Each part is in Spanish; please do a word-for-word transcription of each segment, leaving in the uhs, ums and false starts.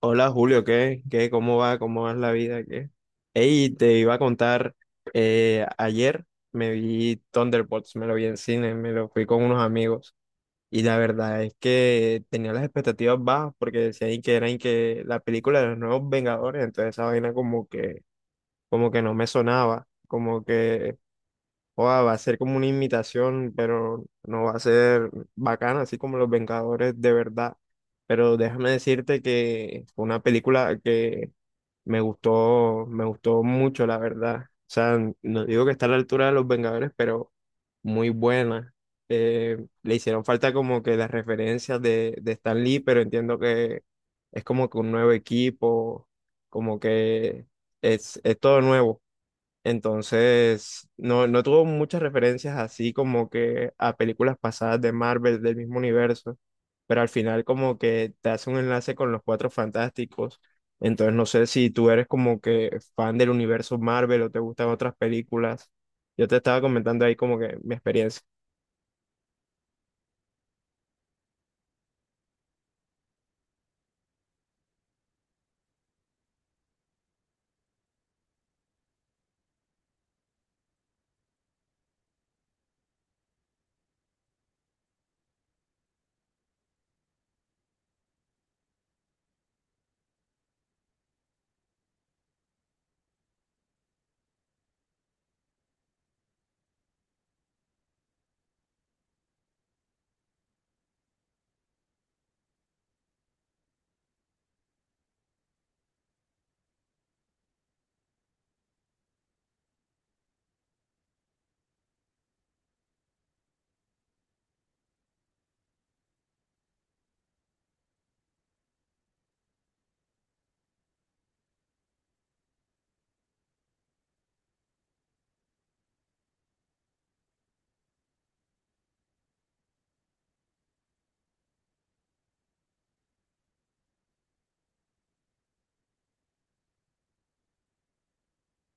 Hola Julio, ¿qué? ¿Qué? ¿Cómo va? ¿Cómo va la vida? ¿Qué? Ey, te iba a contar, eh, ayer me vi Thunderbolts, me lo vi en cine, me lo fui con unos amigos y la verdad es que tenía las expectativas bajas porque decían que eran que la película de los nuevos Vengadores, entonces esa vaina como que, como que no me sonaba, como que Oa, va a ser como una imitación, pero no va a ser bacana, así como Los Vengadores de verdad. Pero déjame decirte que fue una película que me gustó, me gustó mucho, la verdad. O sea, no digo que está a la altura de Los Vengadores, pero muy buena. Eh, le hicieron falta como que las referencias de, de Stan Lee, pero entiendo que es como que un nuevo equipo, como que es, es todo nuevo. Entonces, no, no tuvo muchas referencias así como que a películas pasadas de Marvel del mismo universo, pero al final como que te hace un enlace con los Cuatro Fantásticos. Entonces, no sé si tú eres como que fan del universo Marvel o te gustan otras películas. Yo te estaba comentando ahí como que mi experiencia.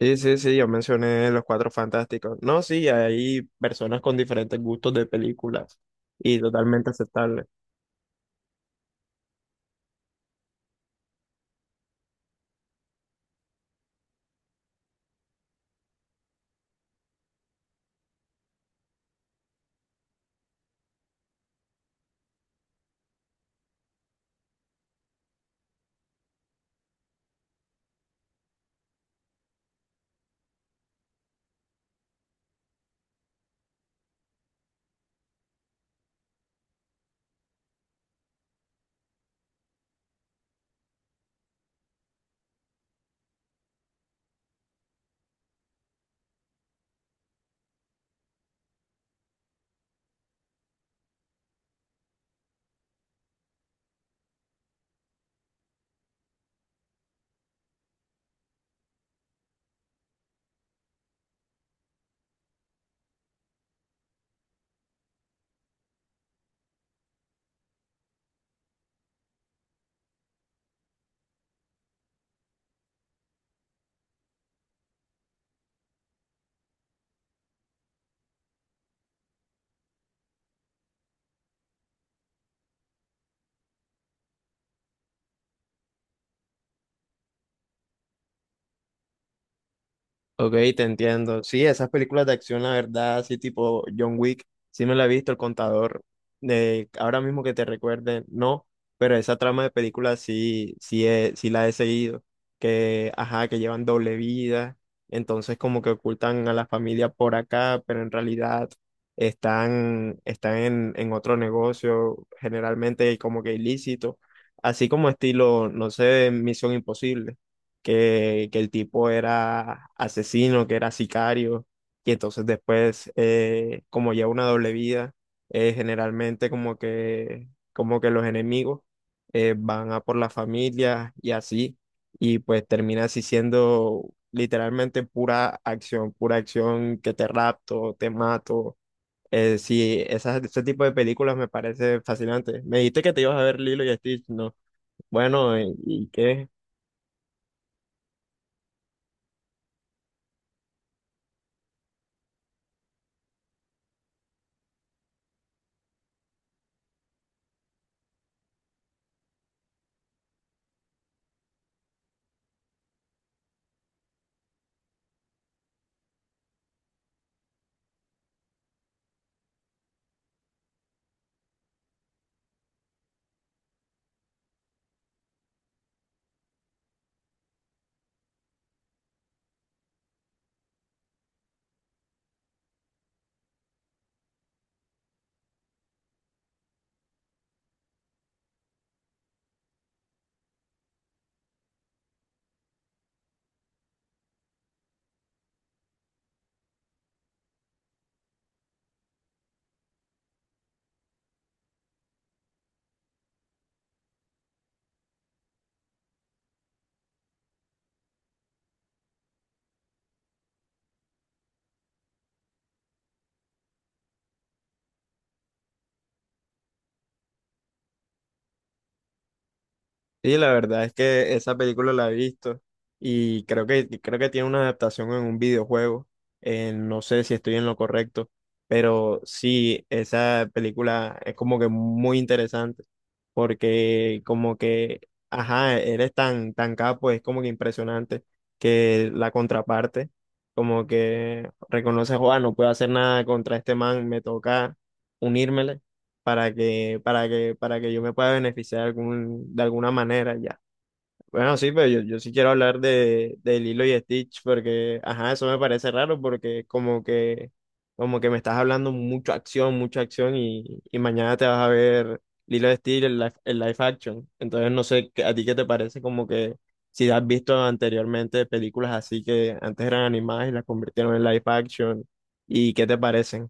Sí, sí, sí, yo mencioné los Cuatro Fantásticos. No, sí, hay personas con diferentes gustos de películas y totalmente aceptable. Ok, te entiendo. Sí, esas películas de acción, la verdad, sí, tipo John Wick, sí me la he visto, El Contador, de ahora mismo que te recuerde, no, pero esa trama de películas sí, sí, he- sí la he seguido, que, ajá, que llevan doble vida, entonces como que ocultan a la familia por acá, pero en realidad están, están en, en otro negocio, generalmente como que ilícito, así como estilo, no sé, Misión Imposible que, que el tipo era asesino, que era sicario, y entonces después, eh, como lleva una doble vida, eh, generalmente como que, como que los enemigos eh, van a por la familia y así, y pues termina así siendo literalmente pura acción, pura acción que te rapto, te mato. Eh, sí, esas- ese tipo de películas me parece fascinante. Me dijiste que te ibas a ver Lilo y Stitch, ¿no? Bueno, eh, ¿y qué? Sí, la verdad es que esa película la he visto y creo que, creo que tiene una adaptación en un videojuego. Eh, no sé si estoy en lo correcto, pero sí, esa película es como que muy interesante porque como que, ajá, eres tan, tan capo, es como que impresionante que la contraparte como que reconoce, Juan, no puedo hacer nada contra este man, me toca unírmele para que, para que, para que yo me pueda beneficiar de, algún, de alguna manera ya. Bueno, sí, pero yo, yo sí quiero hablar de, de Lilo y Stitch porque, ajá, eso me parece raro porque como que, como que me estás hablando mucha acción, mucha acción y, y mañana te vas a ver Lilo y Stitch en live, en live action. Entonces no sé, ¿qué- ¿a ti qué te parece? Como que si has visto anteriormente películas así que antes eran animadas y las convirtieron en live action, ¿y qué te parecen?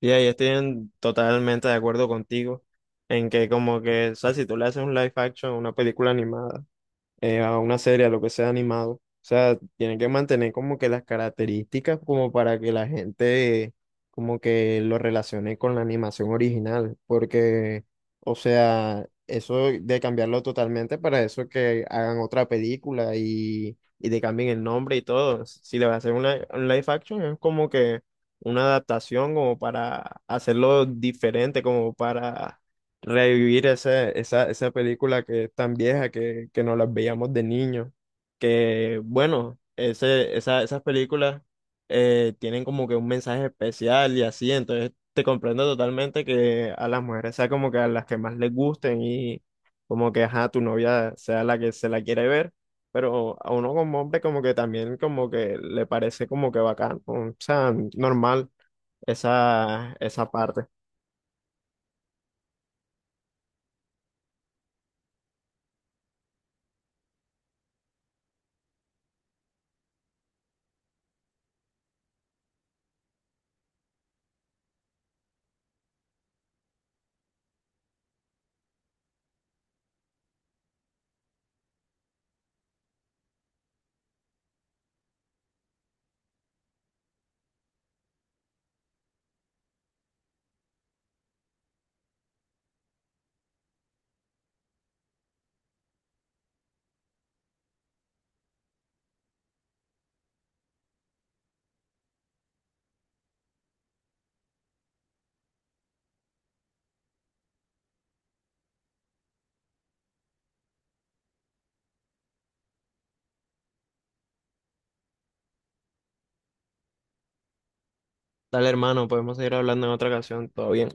Y ahí estoy en- totalmente de acuerdo contigo en que como que, o sea, si tú le haces un live action a una película animada, eh, a una serie, a lo que sea animado. O sea, tienen que mantener como que las características como para que la gente como que lo relacione con la animación original, porque, o sea, eso de cambiarlo totalmente para eso que hagan otra película y, y te cambien el nombre y todo. Si le vas a hacer una, un live action es como que una adaptación como para hacerlo diferente, como para revivir ese- esa, esa película que es tan vieja que, que nos las veíamos de niños. Que bueno, ese, esa- esas películas eh, tienen como que un mensaje especial y así, entonces te comprendo totalmente que a las mujeres sea como que a las que más les gusten y como que ajá, tu novia sea la que se la quiere ver. Pero a uno como hombre como que también como que le parece como que bacán, o sea, normal esa, esa parte. Dale, hermano, podemos seguir hablando en otra ocasión. Todo bien.